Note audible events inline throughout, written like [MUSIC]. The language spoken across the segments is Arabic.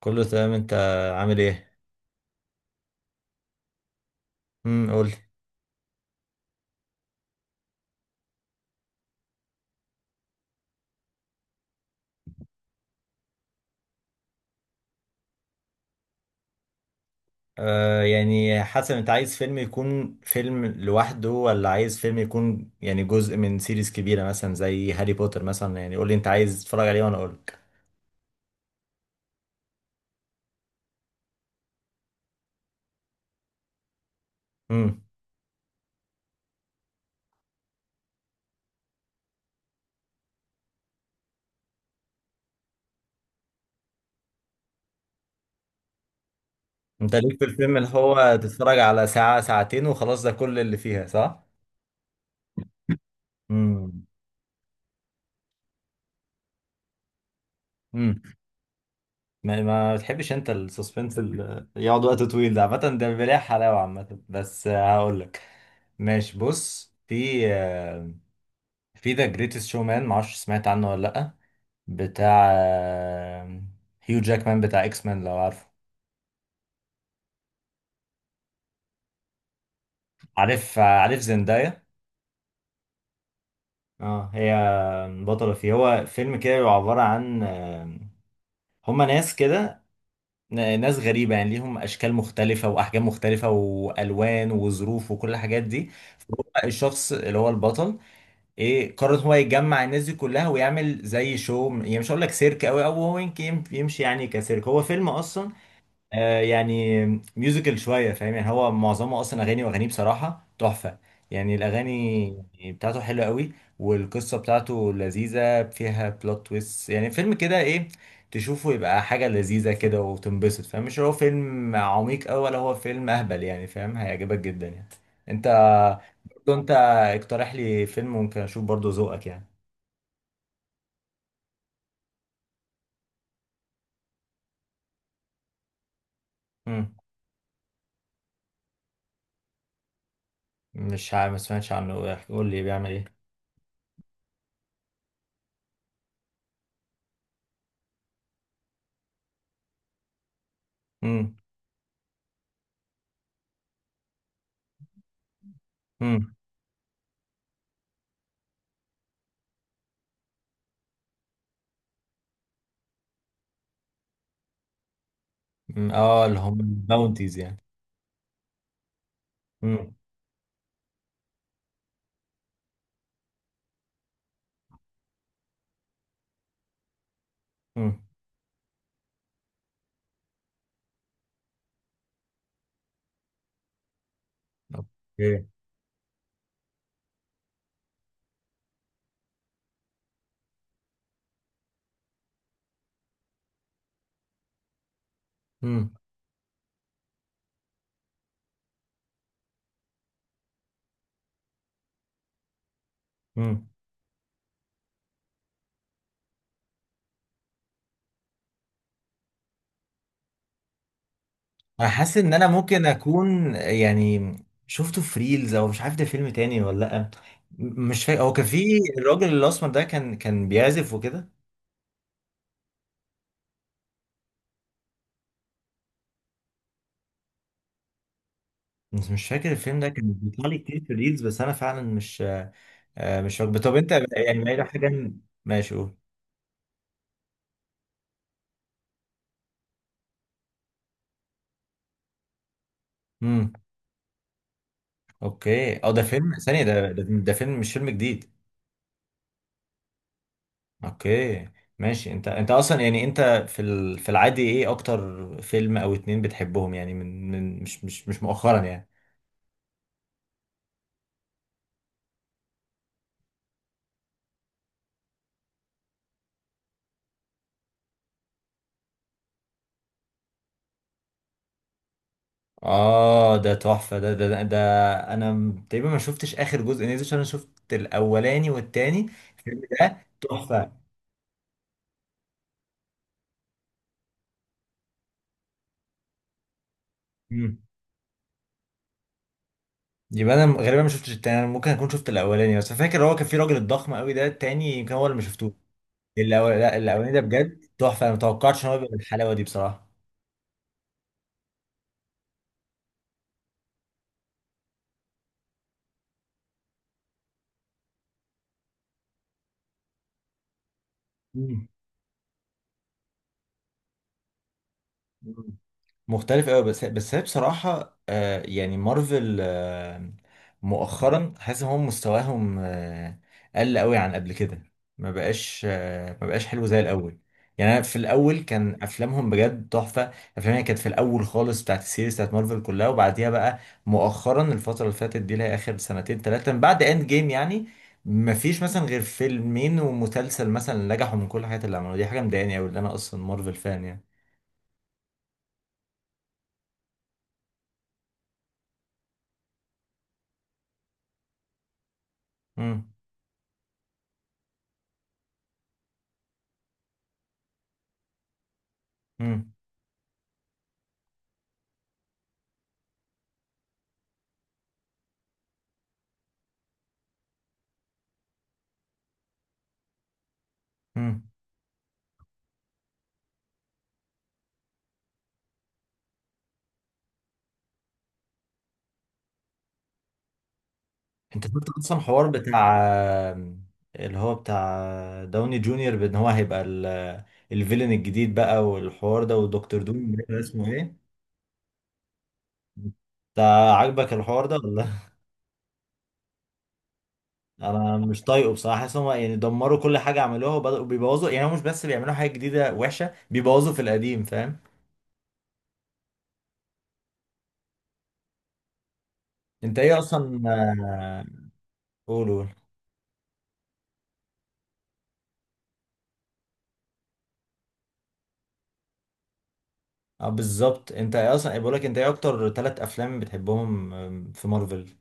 كله تمام، انت عامل ايه؟ قول. يعني حسب، انت عايز فيلم يكون فيلم لوحده ولا عايز فيلم يكون يعني جزء من سيريز كبيرة، مثلا زي هاري بوتر مثلا. يعني قول لي انت عايز تتفرج عليه وانا اقول لك. امم. انت ليك في الفيلم اللي هو تتفرج على ساعة ساعتين وخلاص، ده كل اللي فيها، صح؟ امم. امم. ما بتحبش انت السسبنس اللي يقعد وقت طويل ده، عامة ده بيبقى ليه حلاوة عامة، بس هقول لك. ماشي، بص، في ذا جريتست شو مان، معرفش سمعت عنه ولا لأ. بتاع هيو جاكمان، بتاع اكس مان، لو عارفه. عارف زندايا. اه، هي بطلة فيه. هو فيلم كده بيبقى عبارة عن هما ناس كده، ناس غريبة يعني، ليهم أشكال مختلفة وأحجام مختلفة وألوان وظروف وكل الحاجات دي. الشخص اللي هو البطل إيه، قرر هو يجمع الناس دي كلها ويعمل زي شو يعني، مش هقول لك سيرك أوي، أو هو يمكن يمشي يعني كسيرك، هو فيلم أصلا. يعني ميوزيكال شوية، فاهم؟ يعني هو معظمه أصلا أغاني، وأغانيه بصراحة تحفة. يعني الأغاني، يعني بتاعته حلوة قوي. والقصة بتاعته لذيذة فيها بلوت تويست، يعني فيلم كده إيه، تشوفه يبقى حاجة لذيذة كده وتنبسط، فاهم؟ مش هو فيلم عميق أوي ولا هو فيلم أهبل، يعني فاهم؟ هيعجبك جدا يعني، أنت. برضه أنت اقترح لي فيلم ممكن أشوف، برضه ذوقك يعني. مم. مش عارف، ما سمعتش عنه، قول لي بيعمل إيه. مم. مم. مم. اه، اللي هم باونتيز يعني. امم. اوكي. امم. امم. انا حاسس ان انا ممكن اكون يعني شفته في ريلز، او مش عارف ده فيلم تاني ولا لا. مش فاكر هو كان في الراجل الاسمر ده كان بيعزف وكده. بس مش فاكر الفيلم ده، كان بيطلع لي كتير في الريلز، بس انا فعلا مش. مش فاكر. طب انت يعني ما حاجه، ماشي قول. امم. اوكي، اه ده فيلم ثانيه، ده ده ده, فيلم مش فيلم جديد. اوكي، ماشي. انت اصلا يعني انت في العادي ايه اكتر فيلم او اتنين بتحبهم؟ يعني من مش مؤخرا يعني. اه، ده تحفة ده. انا تقريبا ما شفتش اخر جزء نزل، عشان انا شفت الاولاني والتاني. الفيلم ده تحفة. مم. يبقى انا غالبا ما شفتش التاني، انا ممكن اكون شفت الاولاني بس فاكر هو كان في راجل الضخم قوي ده، التاني يمكن هو اللي ما شفتوش. لا الاولاني ده بجد تحفة، انا ما توقعتش ان هو يبقى بالحلاوة دي بصراحة. مم. مختلف قوي. بس هي بصراحة يعني مارفل مؤخرا حاسس ان هم مستواهم قل قوي عن قبل كده. ما بقاش حلو زي الاول. يعني انا في الاول كان افلامهم بجد تحفة. افلامها كانت في الاول خالص بتاعت السيريز بتاعت مارفل كلها، وبعديها بقى مؤخرا الفترة اللي فاتت دي، اللي هي اخر سنتين ثلاثة من بعد اند جيم، يعني ما فيش مثلا غير فيلمين ومسلسل مثلا نجحوا من كل الحاجات اللي عملوها. دي حاجة مضايقاني قوي، اللي انا اصلا مارفل فان يعني. امم. امم. امم. انت شفت اصلا حوار بتاع اللي هو بتاع داوني جونيور بان هو هيبقى الفيلن الجديد بقى، والحوار ده ودكتور دوم، مش عارف اسمه ايه. انت عاجبك الحوار ده ولا؟ [LAUGHS] انا مش طايقه بصراحه، حاسس هم يعني دمروا كل حاجه عملوها وبداوا بيبوظوا. يعني هم مش بس بيعملوا حاجه جديده وحشه، بيبوظوا في القديم، فاهم؟ انت ايه اصلا قول قول. اه بالظبط، انت ايه اصلا، بقول لك انت ايه اكتر ثلاث افلام بتحبهم في مارفل.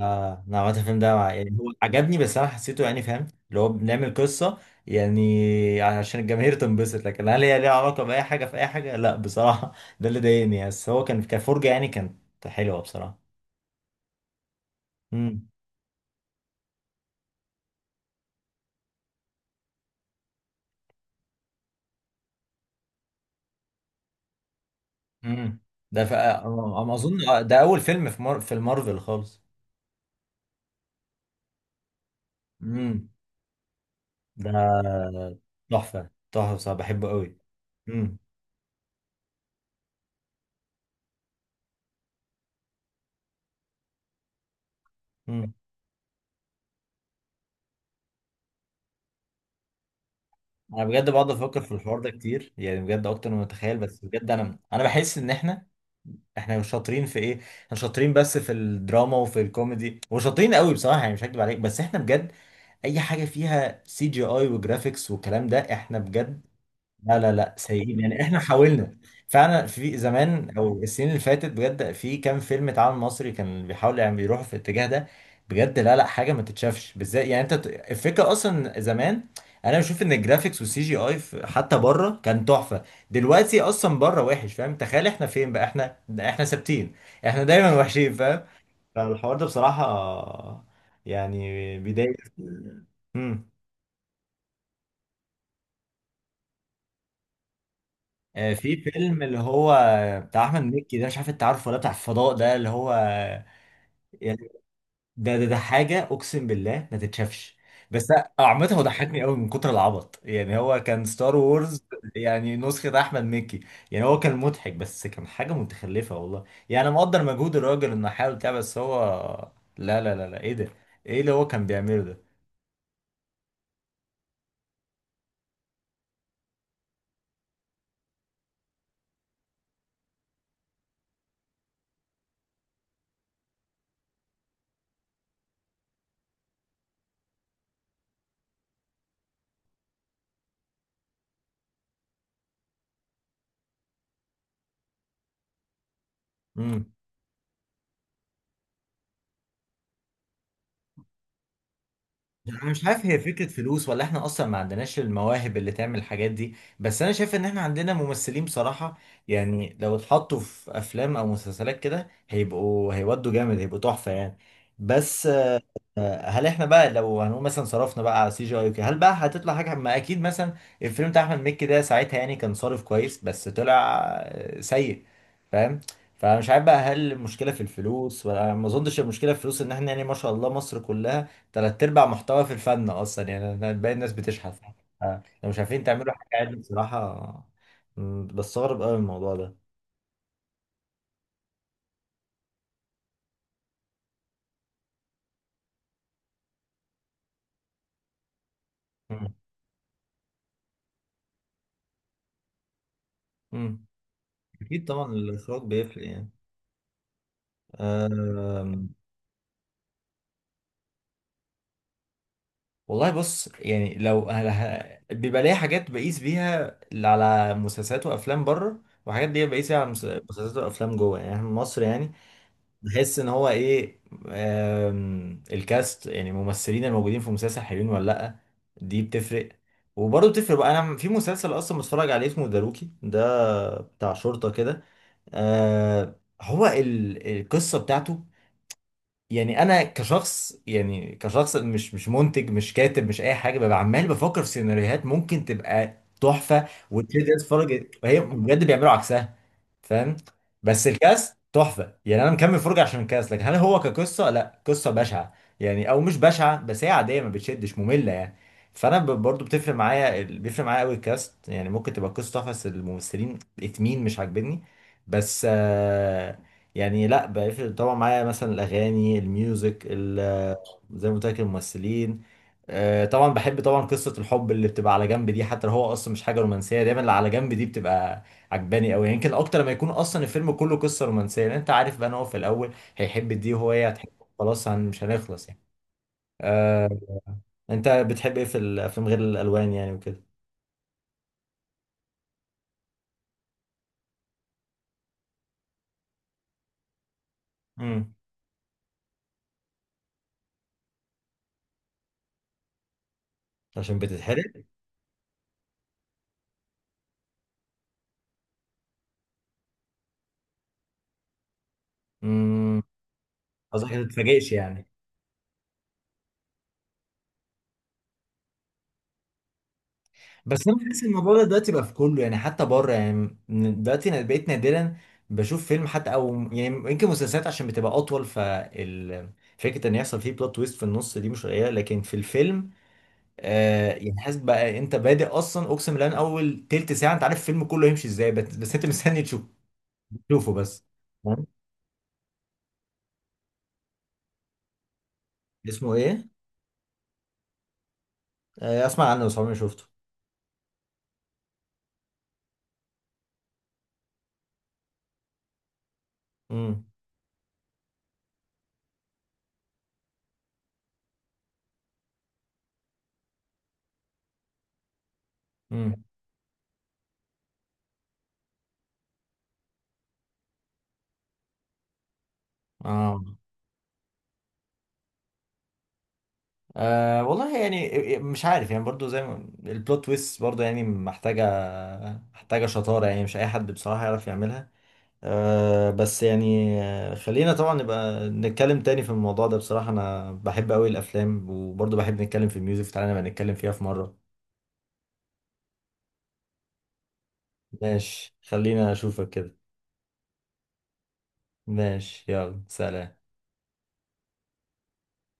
اه، انا عملت الفيلم ده مع، يعني هو عجبني بس انا حسيته يعني، فاهم اللي هو بنعمل قصه يعني عشان الجماهير تنبسط، لكن هل هي ليها علاقه باي حاجه في اي حاجه؟ لا بصراحه [LAUGHS] ده اللي ضايقني يعني. بس هو كان كفرجه يعني، كانت حلوه بصراحه. امم. امم. ده أنا اظن ده اول فيلم في في المارفل خالص. امم، ده تحفه تحفه بصراحه، بحبه قوي. امم. امم. انا بجد بقعد افكر في الحوار ده كتير، يعني بجد اكتر ما اتخيل، بس بجد انا بحس ان احنا مش شاطرين في ايه. احنا شاطرين بس في الدراما وفي الكوميدي، وشاطرين قوي بصراحه يعني، مش هكدب عليك. بس احنا بجد اي حاجه فيها سي جي اي وجرافيكس والكلام ده، احنا بجد لا لا لا، سيئين يعني. احنا حاولنا فعلا في زمان، او السنين اللي فاتت، بجد في كام فيلم اتعمل مصري كان بيحاول يعني، بيروحوا في الاتجاه ده. بجد لا لا، حاجه ما تتشافش بالذات يعني، انت الفكره اصلا زمان. انا بشوف ان الجرافيكس والسي جي اي حتى بره كان تحفه. دلوقتي اصلا بره وحش، فاهم؟ تخيل احنا فين بقى، احنا ثابتين. احنا دايما وحشين، فاهم؟ فالحوار ده بصراحه يعني بيضايق. امم. في فيلم اللي هو بتاع احمد مكي ده، مش عارف انت عارفه ولا، بتاع الفضاء ده اللي هو يعني ده حاجه، اقسم بالله ما تتشافش. بس عامه هو ضحكني قوي من كتر العبط، يعني هو كان ستار وورز، يعني نسخه احمد مكي. يعني هو كان مضحك بس كان حاجه متخلفه والله. يعني انا مقدر مجهود الراجل انه حاول بتاع، بس هو لا لا لا لا، ايه ده؟ ايه اللي هو كان بيعمله ده؟ امم. يعني انا مش عارف، هي فكرة فلوس ولا احنا اصلا ما عندناش المواهب اللي تعمل الحاجات دي، بس انا شايف ان احنا عندنا ممثلين بصراحة. يعني لو اتحطوا في افلام او مسلسلات كده هيبقوا، هيودوا جامد، هيبقوا تحفة يعني. بس هل احنا بقى لو هنقول مثلا صرفنا بقى على سي جي اي وكده، هل بقى هتطلع حاجه؟ ما اكيد مثلا الفيلم بتاع احمد مكي ده، ساعتها يعني كان صارف كويس بس طلع سيء، فاهم؟ فمش عارف بقى هل المشكله في الفلوس، ولا ما اظنش المشكله في الفلوس، ان احنا يعني ما شاء الله مصر كلها تلات ارباع محتوى في الفن اصلا، يعني باقي الناس بتشحت. لو مش عارفين تعملوا حاجه، عادل بصراحه. بستغرب قوي الموضوع ده. مم. مم. اكيد طبعا، الاخراج بيفرق يعني. آه، والله بص، يعني لو أنا بيبقى ليا حاجات بقيس بيها على مسلسلات وافلام بره، وحاجات دي بقيس بيها على مسلسلات وافلام جوه يعني، احنا في مصر يعني. بحس ان هو ايه، الكاست يعني الممثلين الموجودين في المسلسل حلوين ولا لا، دي بتفرق. وبرضه بتفرق بقى. انا في مسلسل اصلا بتفرج عليه اسمه داروكي ده، بتاع شرطة كده. هو القصة بتاعته، يعني انا كشخص، يعني كشخص مش منتج مش كاتب مش اي حاجه، ببقى عمال بفكر في سيناريوهات ممكن تبقى تحفه وتشد الناس تتفرج، وهي بجد بيعملوا عكسها، فاهم؟ بس الكاس تحفه، يعني انا مكمل فرجه عشان الكاس. لكن هل هو كقصه؟ لا، قصه بشعه. يعني او مش بشعه بس هي عاديه، ما بتشدش، ممله يعني. فانا برضو بتفرق معايا، بيفرق معايا قوي الكاست، يعني ممكن تبقى قصه تحفه بس الممثلين اتنين مش عاجبني. بس يعني لا بقى، طبعا معايا مثلا الاغاني الميوزك زي ما قلت لك الممثلين. طبعا بحب، طبعا قصه الحب اللي بتبقى على جنب دي، حتى لو هو اصلا مش حاجه رومانسيه دايما اللي على جنب دي بتبقى عجباني قوي، يمكن اكتر ما يكون اصلا الفيلم كله قصه رومانسيه، لان انت عارف بقى ان هو في الاول هيحب دي وهو هي هتحبه. خلاص، مش هنخلص يعني. آه، انت بتحب ايه في الافلام غير الالوان يعني وكده؟ امم عشان بتتحرق. امم قصدك ما تتفاجئش يعني. بس انا بحس ان الموضوع ده دلوقتي بقى في كله يعني، حتى بره يعني، دلوقتي انا بقيت نادرا بشوف فيلم حتى، او يعني يمكن مسلسلات عشان بتبقى اطول، ففكره ان يحصل فيه بلوت تويست في النص دي مش قليله، لكن في الفيلم يعني حاسس بقى انت بادئ اصلا، اقسم بالله من اول تلت ساعه انت عارف الفيلم كله هيمشي ازاي، بس انت مستني تشوف، تشوفه بس. تمام؟ اسمه ايه؟ آه اسمع عنه بس عمري ما شفته. امم. امم. اه. أه والله يعني، مش عارف يعني، برضو زي ما البلوت تويست برضو يعني، محتاجة شطارة يعني، مش أي حد بصراحة يعرف يعملها. أه بس يعني، خلينا طبعا نبقى نتكلم تاني في الموضوع ده بصراحة، أنا بحب أوي الأفلام وبرضو بحب نتكلم في الميوزك، تعالى نبقى نتكلم فيها في مرة. ماشي، خلينا أشوفك كده. ماشي، يلا سلام.